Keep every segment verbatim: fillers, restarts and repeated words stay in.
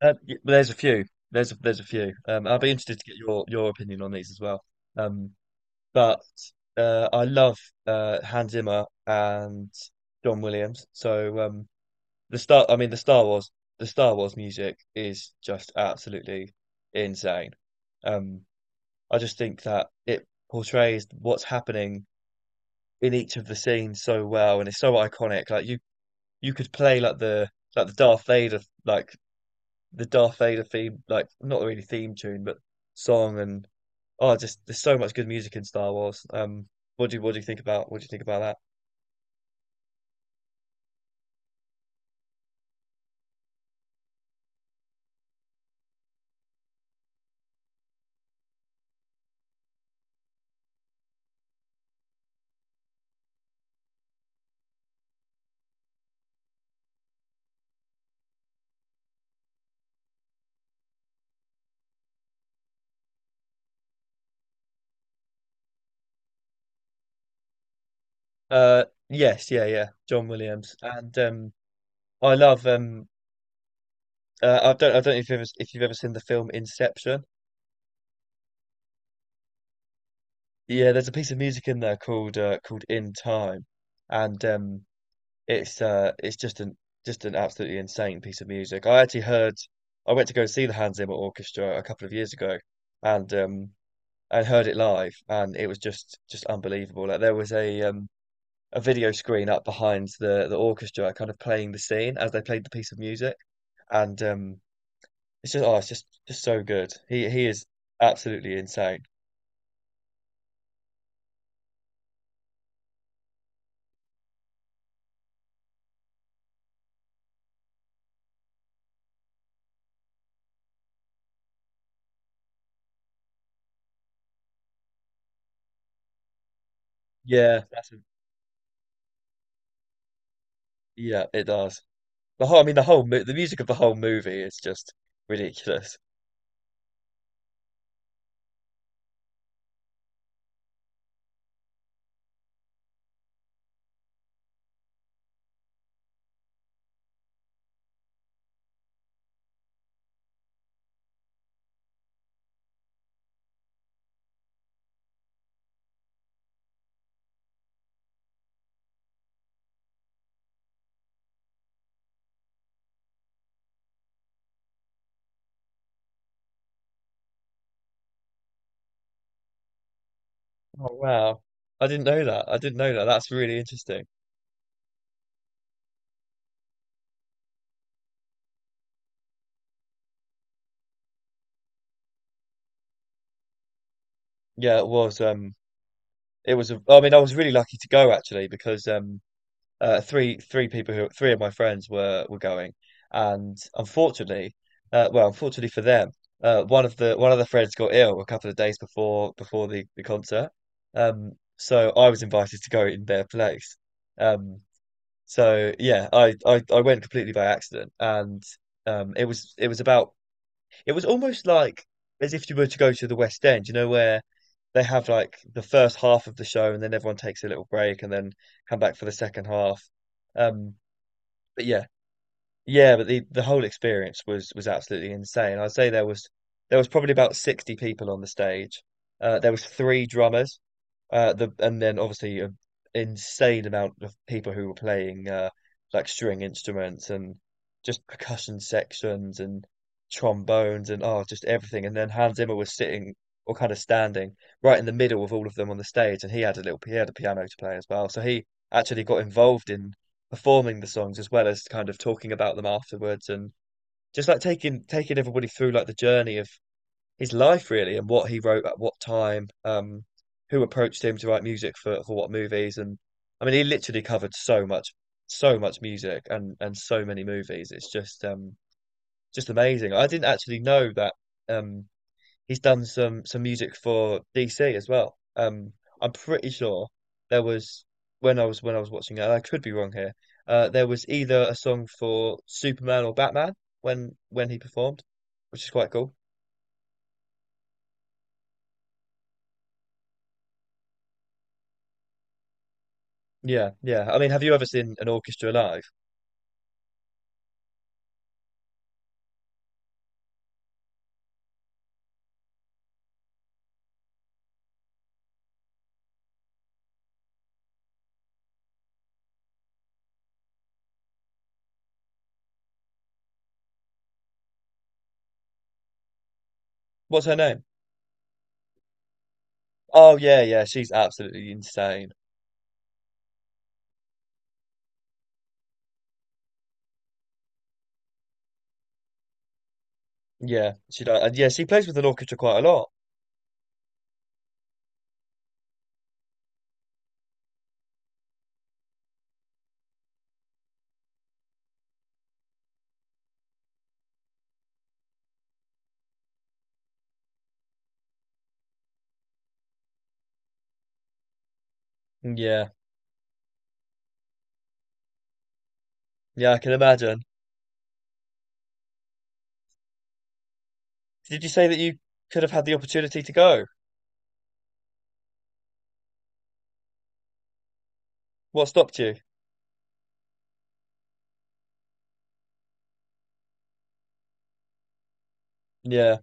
Uh, y- well, there's a few. There's a, there's a few. Um, I'll be interested to get your your opinion on these as well. Um, but uh, I love uh, Hans Zimmer and John Williams. So um, the Star, I mean the Star Wars, the Star Wars music is just absolutely insane. Um, I just think that it portrays what's happening in each of the scenes so well, and it's so iconic. Like you, you could play like the like the Darth Vader like the Darth Vader theme, like not really theme tune, but song, and oh, just there's so much good music in Star Wars. Um, what do you what do you think about what do you think about that? Uh, yes, yeah, yeah, John Williams. And um, I love um, uh, I don't I don't know if you've ever if you've ever seen the film Inception. Yeah, there's a piece of music in there called uh, called In Time, and um, it's uh, it's just an just an absolutely insane piece of music. I actually heard I went to go see the Hans Zimmer Orchestra a couple of years ago, and um, and heard it live, and it was just just unbelievable. Like there was a um, a video screen up behind the the orchestra, kind of playing the scene as they played the piece of music, and um, it's just oh, it's just just so good. He he is absolutely insane. Yeah, That's a, yeah, it does. The whole, I mean, the whole mo the music of the whole movie is just ridiculous. Oh wow, I didn't know that. I didn't know that. That's really interesting. Yeah, it was. Um, it was. A, I mean, I was really lucky to go actually because um, uh, three three people who three of my friends were were going, and unfortunately, uh, well, unfortunately for them, uh, one of the one of the friends got ill a couple of days before before the the concert, um, so I was invited to go in their place, um, so yeah, I I, I went completely by accident, and um, it was it was about it was almost like as if you were to go to the West End, you know, where they have like the first half of the show and then everyone takes a little break and then come back for the second half. Um, but yeah, yeah, but the the whole experience was was absolutely insane. I'd say there was there was probably about sixty people on the stage. Uh, there was three drummers, uh, the and then obviously an insane amount of people who were playing uh, like string instruments and just percussion sections and trombones and oh just everything. And then Hans Zimmer was sitting or kind of standing right in the middle of all of them on the stage, and he had a little he had a piano to play as well. So he actually got involved in performing the songs as well as kind of talking about them afterwards and just like taking taking everybody through like the journey of his life really and what he wrote at what time, um, who approached him to write music for for what movies. And I mean he literally covered so much so much music and and so many movies. It's just um just amazing. I didn't actually know that um he's done some some music for D C as well. Um, I'm pretty sure there was when I was when I was watching it, and I could be wrong here. Uh, there was either a song for Superman or Batman when when he performed, which is quite cool. Yeah, yeah. I mean, have you ever seen an orchestra live? What's her name? Oh yeah, yeah. She's absolutely insane. Yeah, she does. And yeah, she plays with an orchestra quite a lot. Mm, yeah, yeah. I can imagine. Did you say that you could have had the opportunity to go? What stopped you? Yeah,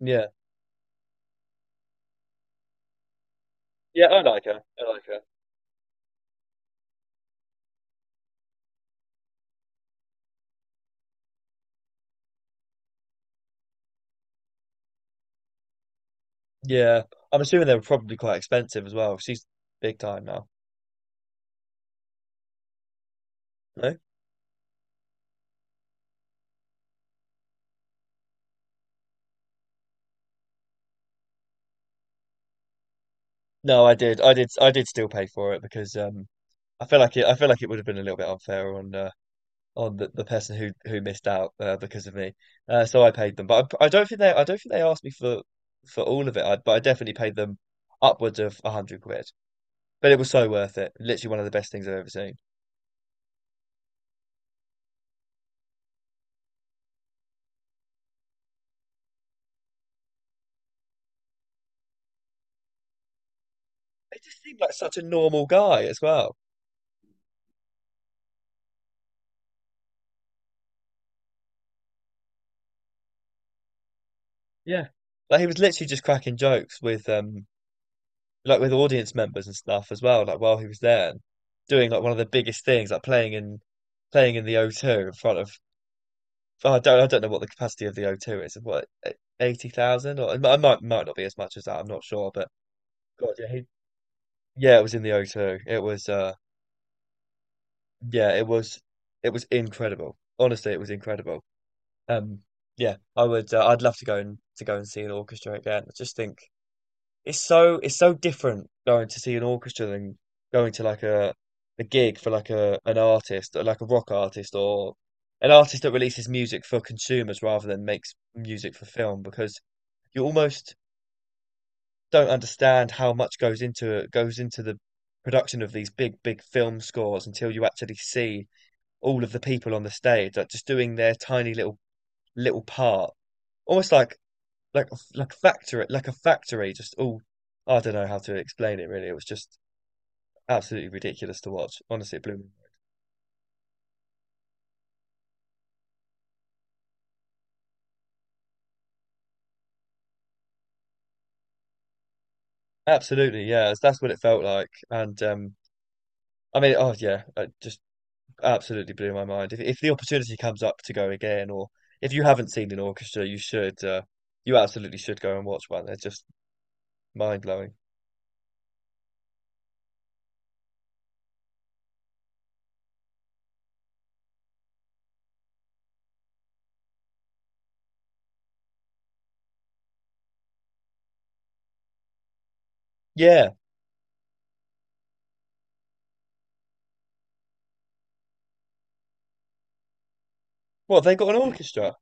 yeah. Yeah, I like her. I like her. Yeah, I'm assuming they were probably quite expensive as well. She's big time now. No, no, I did, I did, I did still pay for it because um, I feel like it, I feel like it would have been a little bit unfair on uh, on the, the person who who missed out uh, because of me. Uh, so I paid them, but I, I don't think they, I don't think they asked me for for all of it. I, but I definitely paid them upwards of a hundred quid. But it was so worth it. Literally one of the best things I've ever seen. It just seemed like such a normal guy as well. Yeah. Like he was literally just cracking jokes with um like with audience members and stuff as well, like while he was there and doing like one of the biggest things, like playing in playing in the O two in front of oh, I don't I don't know what the capacity of the O two is. What, eighty thousand? Or it might might might not be as much as that, I'm not sure. But God, yeah, he yeah, it was in the O two. It was uh Yeah, it was it was incredible. Honestly, it was incredible. Um yeah, I would uh, I'd love to go and to go and see an orchestra again. I just think it's so it's so different going to see an orchestra than going to like a a gig for like a an artist, or like a rock artist or an artist that releases music for consumers rather than makes music for film, because you almost don't understand how much goes into goes into the production of these big, big film scores until you actually see all of the people on the stage, like just doing their tiny little little part. Almost like like like factory like a factory, just all. I don't know how to explain it, really. It was just absolutely ridiculous to watch. Honestly, it blew me. Absolutely, yeah, that's what it felt like. And um I mean oh yeah, it just absolutely blew my mind. If if the opportunity comes up to go again, or if you haven't seen an orchestra, you should uh, you absolutely should go and watch one. They're just mind blowing. Yeah, what, they got an orchestra?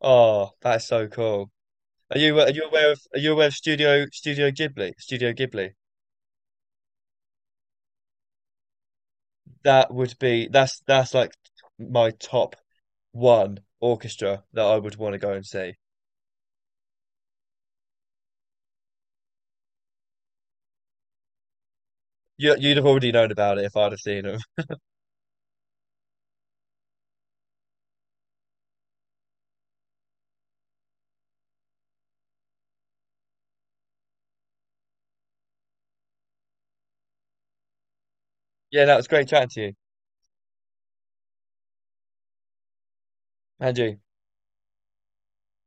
Oh, that's so cool. Are you uh, are you aware of are you aware of Studio Studio Ghibli Studio Ghibli? That would be that's that's like my top one orchestra that I would want to go and see. You, you'd have already known about it if I'd have seen them. Yeah, that was great chatting to you, Andrew.